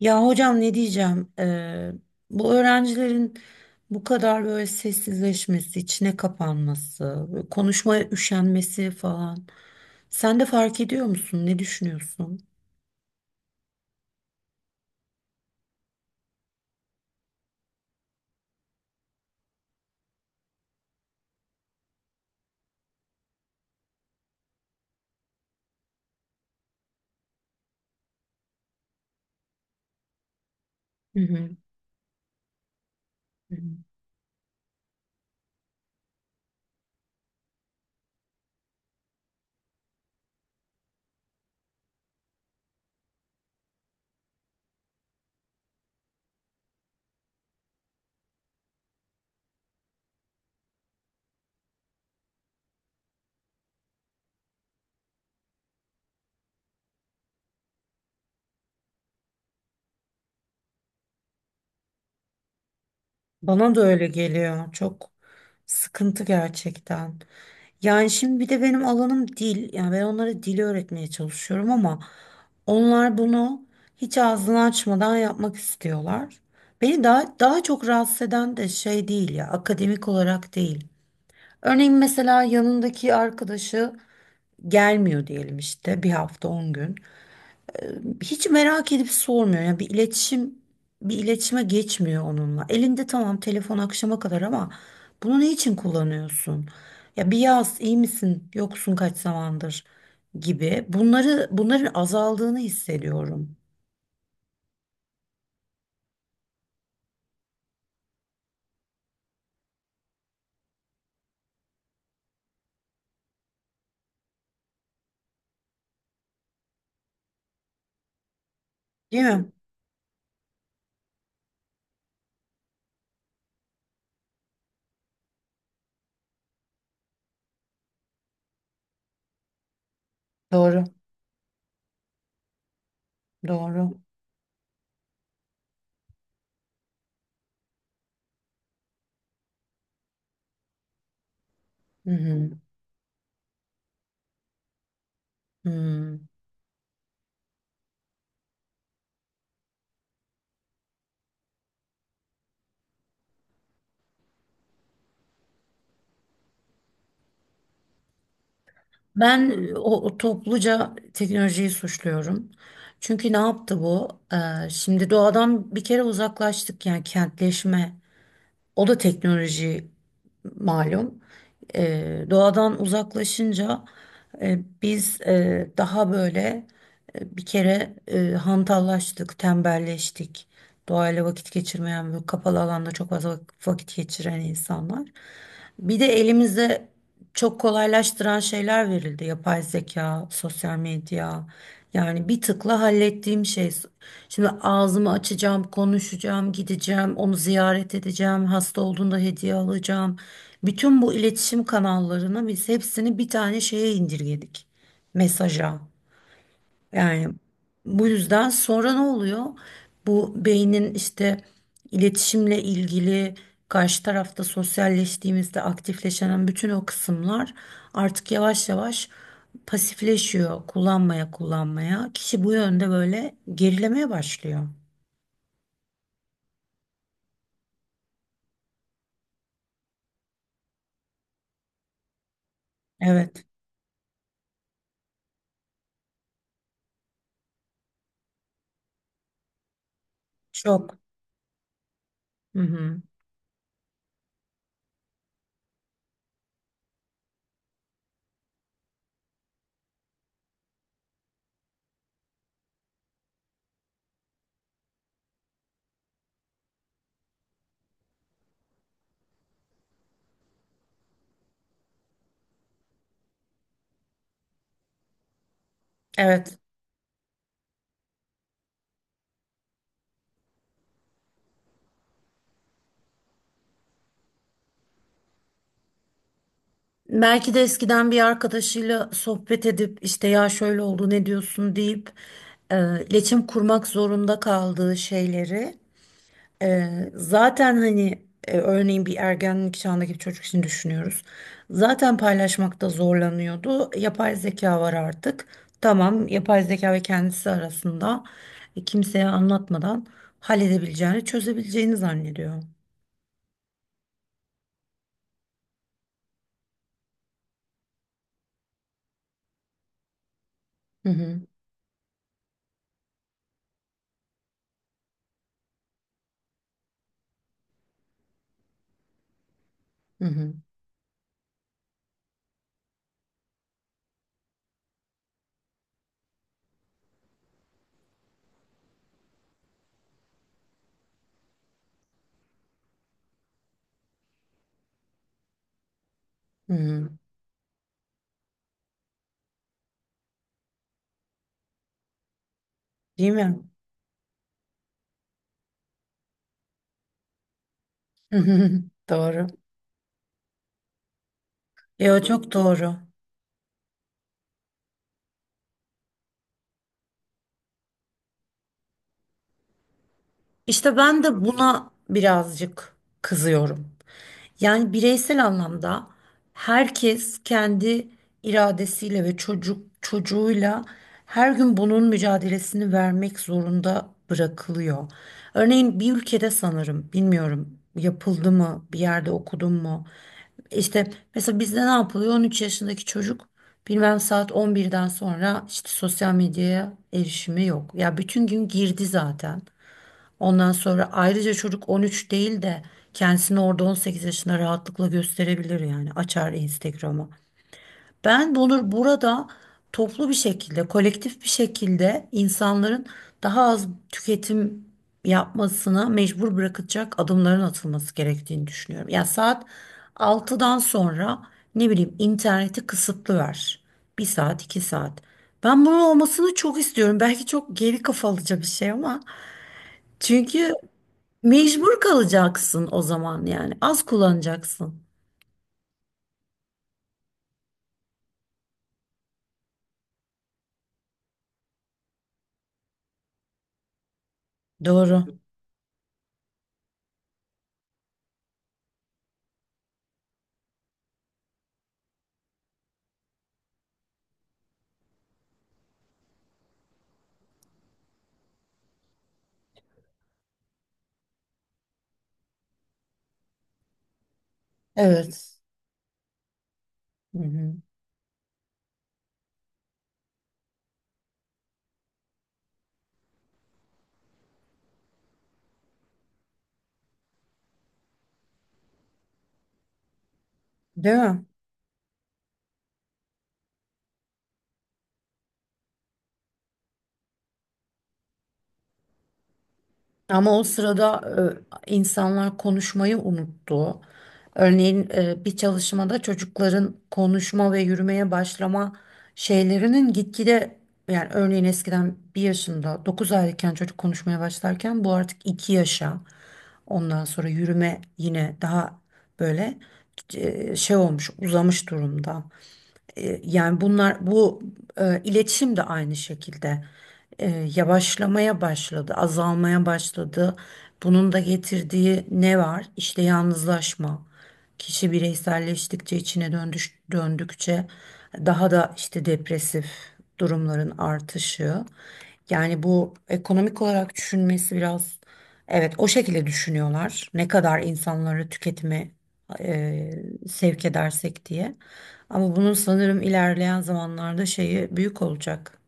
Ya hocam ne diyeceğim? Bu öğrencilerin bu kadar böyle sessizleşmesi, içine kapanması, böyle konuşmaya üşenmesi falan. Sen de fark ediyor musun? Ne düşünüyorsun? Hı hı. Bana da öyle geliyor. Çok sıkıntı gerçekten. Yani şimdi bir de benim alanım dil. Yani ben onlara dili öğretmeye çalışıyorum ama onlar bunu hiç ağzını açmadan yapmak istiyorlar. Beni daha çok rahatsız eden de şey değil ya, akademik olarak değil. Örneğin mesela yanındaki arkadaşı gelmiyor diyelim işte bir hafta 10 gün. Hiç merak edip sormuyor. Yani bir iletişime geçmiyor onunla. Elinde tamam telefon akşama kadar ama bunu ne için kullanıyorsun? Ya bir yaz iyi misin? Yoksun kaç zamandır gibi. Bunların azaldığını hissediyorum. Değil mi? Doğru. Doğru. Hı hı. Hı. Ben o topluca teknolojiyi suçluyorum. Çünkü ne yaptı bu? Şimdi doğadan bir kere uzaklaştık yani kentleşme. O da teknoloji malum. Doğadan uzaklaşınca biz daha böyle bir kere hantallaştık, tembelleştik. Doğayla vakit geçirmeyen, böyle kapalı alanda çok fazla vakit geçiren insanlar. Bir de elimizde çok kolaylaştıran şeyler verildi. Yapay zeka, sosyal medya. Yani bir tıkla hallettiğim şey. Şimdi ağzımı açacağım, konuşacağım, gideceğim, onu ziyaret edeceğim, hasta olduğunda hediye alacağım. Bütün bu iletişim kanallarını biz hepsini bir tane şeye indirgedik. Mesaja. Yani bu yüzden sonra ne oluyor? Bu beynin işte iletişimle ilgili karşı tarafta sosyalleştiğimizde aktifleşen bütün o kısımlar artık yavaş yavaş pasifleşiyor kullanmaya kullanmaya. Kişi bu yönde böyle gerilemeye başlıyor. Evet, çok. Hı hı. Evet. Belki de eskiden bir arkadaşıyla sohbet edip işte ya şöyle oldu ne diyorsun deyip iletişim kurmak zorunda kaldığı şeyleri. Zaten hani örneğin bir ergenlik çağındaki bir çocuk için düşünüyoruz. Zaten paylaşmakta zorlanıyordu. Yapay zeka var artık. Tamam, yapay zeka ve kendisi arasında kimseye anlatmadan halledebileceğini, çözebileceğini zannediyor. Hı hı, hı hı, hı hı. Değil mi? Doğru. Ya çok doğru. İşte ben de buna birazcık kızıyorum. Yani bireysel anlamda herkes kendi iradesiyle ve çocuk çocuğuyla her gün bunun mücadelesini vermek zorunda bırakılıyor. Örneğin bir ülkede sanırım, bilmiyorum yapıldı mı, bir yerde okudum mu? İşte mesela bizde ne yapılıyor? 13 yaşındaki çocuk bilmem saat 11'den sonra işte sosyal medyaya erişimi yok. Ya bütün gün girdi zaten. Ondan sonra ayrıca çocuk 13 değil de kendisini orada 18 yaşında rahatlıkla gösterebilir yani açar Instagram'ı. Ben bunu burada toplu bir şekilde, kolektif bir şekilde insanların daha az tüketim yapmasına mecbur bırakacak adımların atılması gerektiğini düşünüyorum. Ya saat 6'dan sonra ne bileyim interneti kısıtlı ver. 1 saat, 2 saat. Ben bunun olmasını çok istiyorum. Belki çok geri kafalıca bir şey ama çünkü mecbur kalacaksın o zaman yani. Az kullanacaksın. Doğru. Evet. Hı hı. Değil mi? Ama o sırada insanlar konuşmayı unuttu. Örneğin bir çalışmada çocukların konuşma ve yürümeye başlama şeylerinin gitgide, yani örneğin eskiden 1 yaşında 9 aylıkken çocuk konuşmaya başlarken bu artık 2 yaşa. Ondan sonra yürüme yine daha böyle şey olmuş uzamış durumda. Yani bunlar bu iletişim de aynı şekilde e, yavaşlamaya başladı, azalmaya başladı. Bunun da getirdiği ne var? İşte yalnızlaşma. Kişi bireyselleştikçe, içine döndükçe daha da işte depresif durumların artışı. Yani bu ekonomik olarak düşünmesi biraz evet o şekilde düşünüyorlar. Ne kadar insanları tüketime e, sevk edersek diye. Ama bunun sanırım ilerleyen zamanlarda şeyi büyük olacak.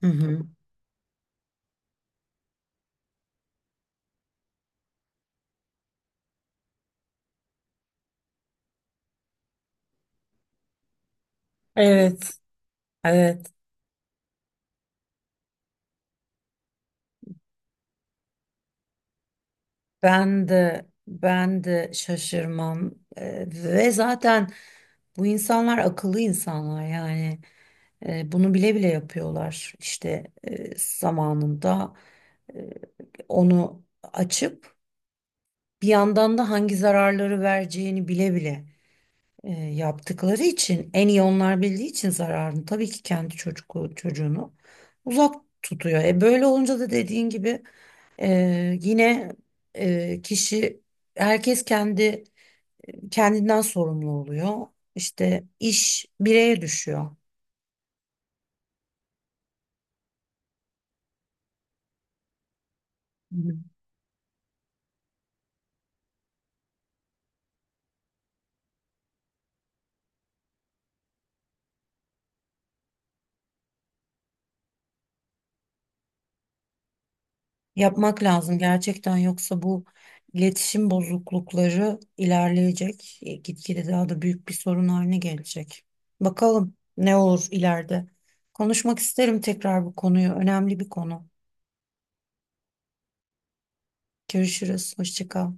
Hı hı. Evet. Evet. Ben de şaşırmam. Ve zaten bu insanlar akıllı insanlar yani. Bunu bile bile yapıyorlar işte zamanında e, onu açıp bir yandan da hangi zararları vereceğini bile bile yaptıkları için en iyi onlar bildiği için zararını tabii ki kendi çocuğunu uzak tutuyor. E böyle olunca da dediğin gibi yine e, kişi herkes kendi kendinden sorumlu oluyor. İşte iş bireye düşüyor. Yapmak lazım gerçekten yoksa bu iletişim bozuklukları ilerleyecek. Gitgide daha da büyük bir sorun haline gelecek. Bakalım ne olur ileride. Konuşmak isterim tekrar bu konuyu. Önemli bir konu. Görüşürüz. Hoşça kal.